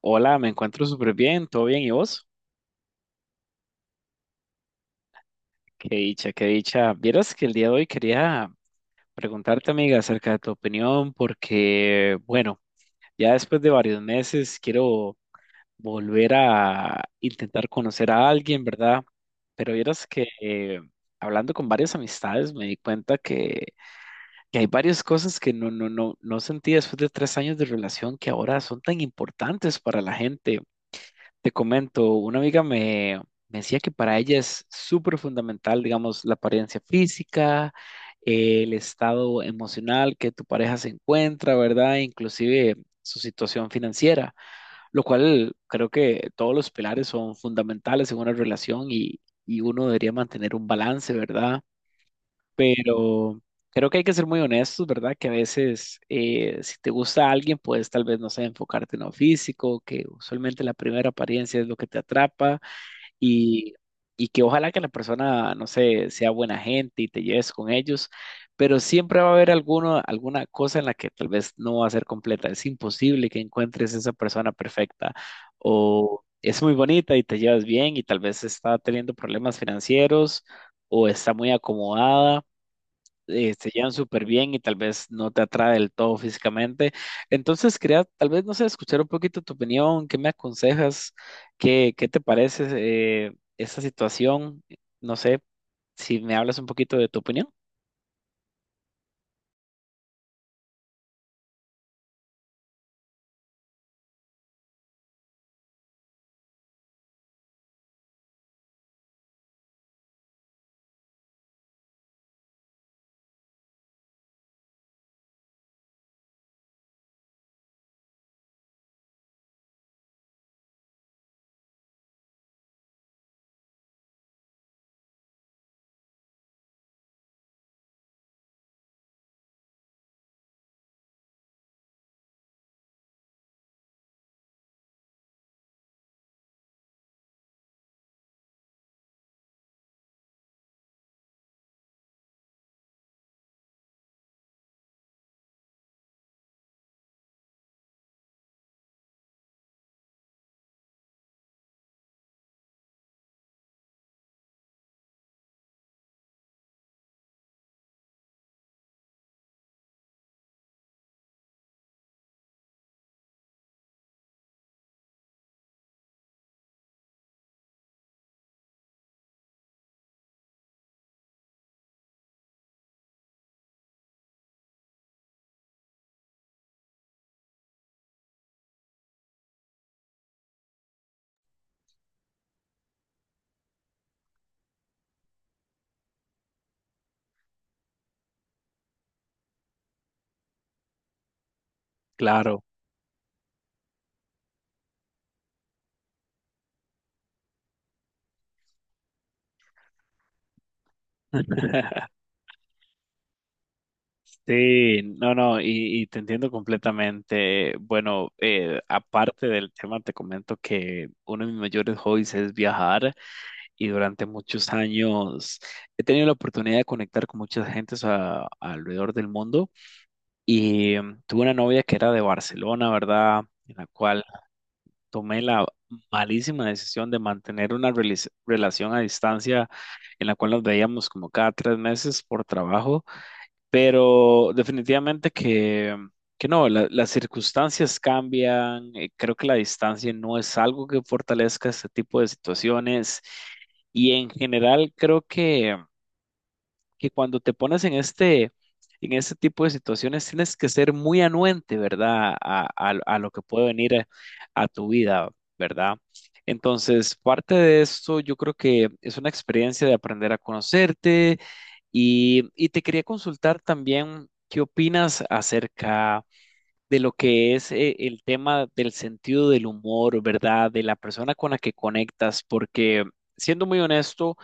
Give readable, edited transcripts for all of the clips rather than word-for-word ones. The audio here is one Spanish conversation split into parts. Hola, me encuentro súper bien, todo bien, ¿y vos? Qué dicha, qué dicha. Vieras que el día de hoy quería preguntarte, amiga, acerca de tu opinión, porque, bueno, ya después de varios meses quiero volver a intentar conocer a alguien, ¿verdad? Pero vieras que hablando con varias amistades me di cuenta que hay varias cosas que no, no, no, no sentí después de 3 años de relación que ahora son tan importantes para la gente. Te comento, una amiga me decía que para ella es súper fundamental, digamos, la apariencia física, el estado emocional que tu pareja se encuentra, ¿verdad? Inclusive su situación financiera, lo cual creo que todos los pilares son fundamentales en una relación y uno debería mantener un balance, ¿verdad? Pero creo que hay que ser muy honestos, ¿verdad? Que a veces si te gusta alguien, pues tal vez no sé, enfocarte en lo físico, que usualmente la primera apariencia es lo que te atrapa y, y que ojalá que la persona, no sé, sea buena gente y te lleves con ellos, pero siempre va a haber alguno, alguna cosa en la que tal vez no va a ser completa. Es imposible que encuentres esa persona perfecta o es muy bonita y te llevas bien y tal vez está teniendo problemas financieros o está muy acomodada, se llevan súper bien y tal vez no te atrae del todo físicamente. Entonces quería tal vez, no sé, escuchar un poquito tu opinión, qué me aconsejas, qué te parece esa situación, no sé, si me hablas un poquito de tu opinión. Claro. Sí, no, no, y te entiendo completamente. Bueno, aparte del tema, te comento que uno de mis mayores hobbies es viajar. Y durante muchos años he tenido la oportunidad de conectar con muchas gentes alrededor del mundo y tuve una novia que era de Barcelona, ¿verdad? En la cual tomé la malísima decisión de mantener una relación a distancia en la cual nos veíamos como cada 3 meses por trabajo, pero definitivamente que no, las circunstancias cambian, creo que la distancia no es algo que fortalezca este tipo de situaciones, y en general creo que cuando te pones en este, tipo de situaciones tienes que ser muy anuente, ¿verdad? A, a lo que puede venir a tu vida, ¿verdad? Entonces, parte de esto yo creo que es una experiencia de aprender a conocerte y te quería consultar también qué opinas acerca de lo que es el tema del sentido del humor, ¿verdad? De la persona con la que conectas, porque siendo muy honesto,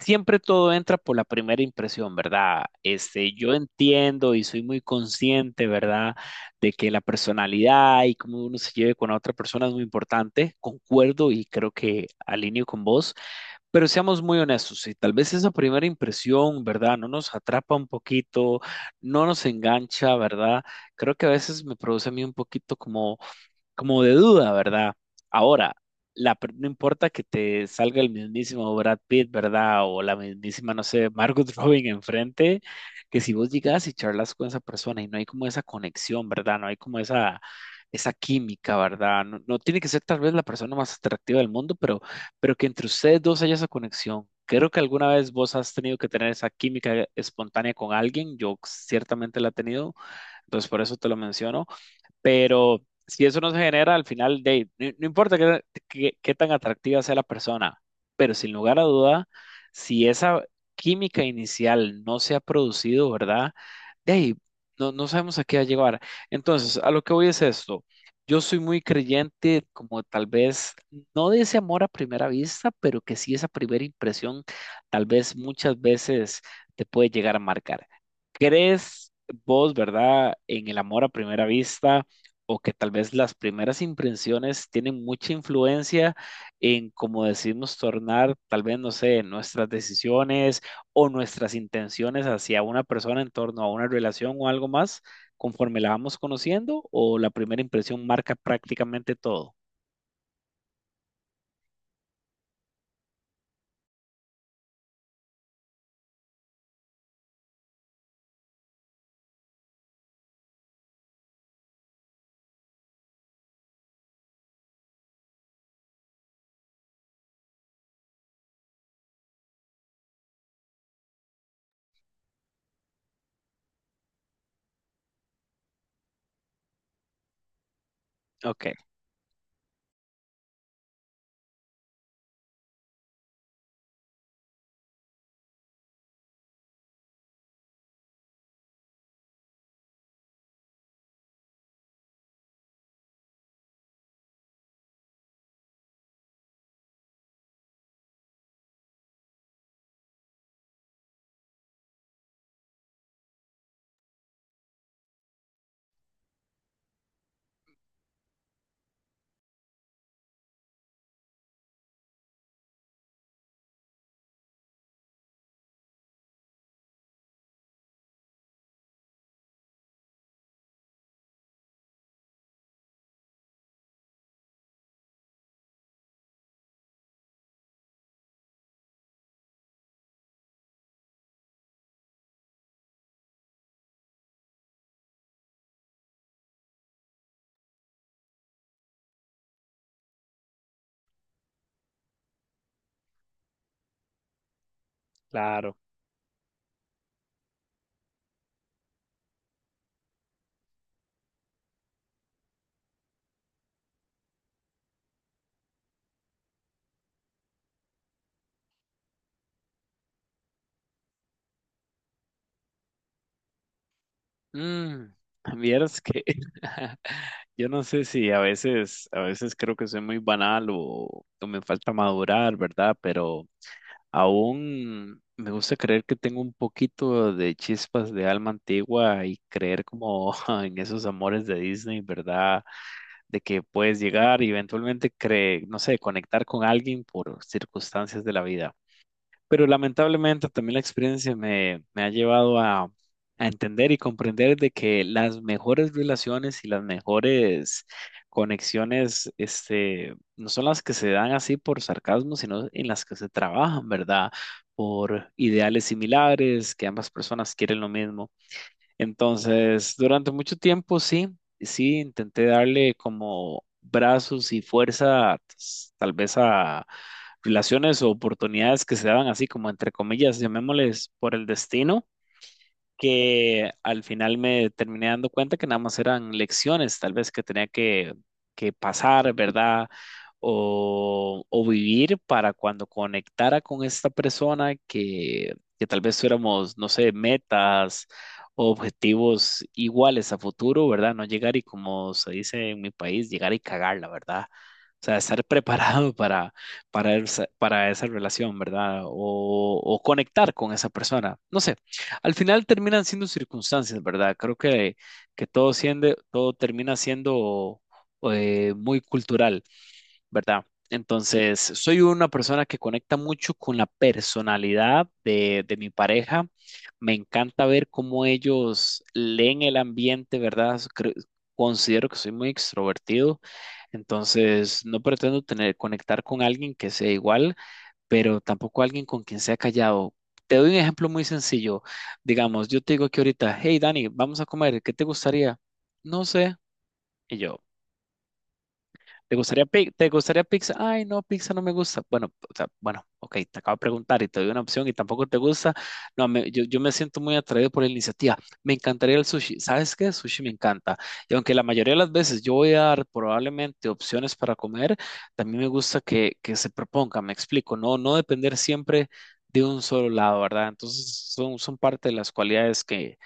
siempre todo entra por la primera impresión, ¿verdad? Este, yo entiendo y soy muy consciente, ¿verdad? De que la personalidad y cómo uno se lleve con la otra persona es muy importante. Concuerdo y creo que alineo con vos, pero seamos muy honestos, si tal vez esa primera impresión, ¿verdad? No nos atrapa un poquito, no nos engancha, ¿verdad? Creo que a veces me produce a mí un poquito como de duda, ¿verdad? Ahora, no importa que te salga el mismísimo Brad Pitt, ¿verdad? O la mismísima, no sé, Margot Robin enfrente, que si vos llegas y charlas con esa persona y no hay como esa conexión, ¿verdad? No hay como esa química, ¿verdad? No, no tiene que ser tal vez la persona más atractiva del mundo, pero que entre ustedes dos haya esa conexión. Creo que alguna vez vos has tenido que tener esa química espontánea con alguien, yo ciertamente la he tenido, entonces por eso te lo menciono. Pero si eso no se genera, al final, de, no, no importa qué tan atractiva sea la persona, pero sin lugar a duda, si esa química inicial no se ha producido, ¿verdad? De ahí, no, no sabemos a qué va a llegar. Entonces, a lo que voy es esto. Yo soy muy creyente, como tal vez, no de ese amor a primera vista, pero que sí esa primera impresión, tal vez muchas veces te puede llegar a marcar. ¿Crees vos, verdad, en el amor a primera vista? ¿O que tal vez las primeras impresiones tienen mucha influencia en cómo decidimos tornar, tal vez, no sé, nuestras decisiones o nuestras intenciones hacia una persona en torno a una relación o algo más, conforme la vamos conociendo, o la primera impresión marca prácticamente todo? Ok. Claro. Mm, Vieras que yo no sé si a veces creo que soy muy banal o me falta madurar, ¿verdad? Pero aún me gusta creer que tengo un poquito de chispas de alma antigua y creer como en esos amores de Disney, ¿verdad? De que puedes llegar y eventualmente no sé, conectar con alguien por circunstancias de la vida. Pero lamentablemente también la experiencia me ha llevado a entender y comprender de que las mejores relaciones y las mejores conexiones, este, no son las que se dan así por sarcasmo, sino en las que se trabajan, ¿verdad? Por ideales similares, que ambas personas quieren lo mismo. Entonces, durante mucho tiempo sí, sí, intenté darle como brazos y fuerza, pues, tal vez a relaciones o oportunidades que se daban así como entre comillas, llamémosles por el destino, que al final me terminé dando cuenta que nada más eran lecciones, tal vez que pasar, ¿verdad? O vivir para cuando conectara con esta persona que tal vez tuviéramos, no sé, metas o objetivos iguales a futuro, ¿verdad? No llegar y como se dice en mi país, llegar y cagarla, ¿verdad? O sea, estar preparado para esa relación, ¿verdad? O conectar con esa persona. No sé, al final terminan siendo circunstancias, ¿verdad? Creo que todo, termina siendo muy cultural, ¿verdad? Entonces, soy una persona que conecta mucho con la personalidad de mi pareja. Me encanta ver cómo ellos leen el ambiente, ¿verdad? Considero que soy muy extrovertido, entonces no pretendo conectar con alguien que sea igual pero tampoco alguien con quien sea callado. Te doy un ejemplo muy sencillo. Digamos, yo te digo que ahorita, hey Dani, vamos a comer, ¿qué te gustaría? No sé. Y yo, ¿te gustaría, te gustaría pizza? Ay, no, pizza no me gusta. Bueno, o sea, bueno, ok, te acabo de preguntar y te doy una opción y tampoco te gusta. No, yo me siento muy atraído por la iniciativa. Me encantaría el sushi. ¿Sabes qué? Sushi me encanta. Y aunque la mayoría de las veces yo voy a dar probablemente opciones para comer, también me gusta que se proponga, me explico, no, no depender siempre de un solo lado, ¿verdad? Entonces son parte de las cualidades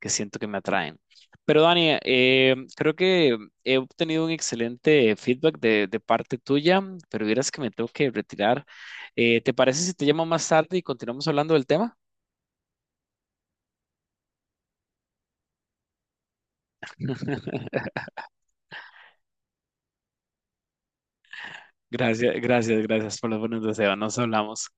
que siento que me atraen. Pero Dani, creo que he obtenido un excelente feedback de parte tuya, pero vieras que me tengo que retirar. ¿Te parece si te llamo más tarde y continuamos hablando del tema? Gracias, gracias, gracias por los buenos deseos. Nos hablamos.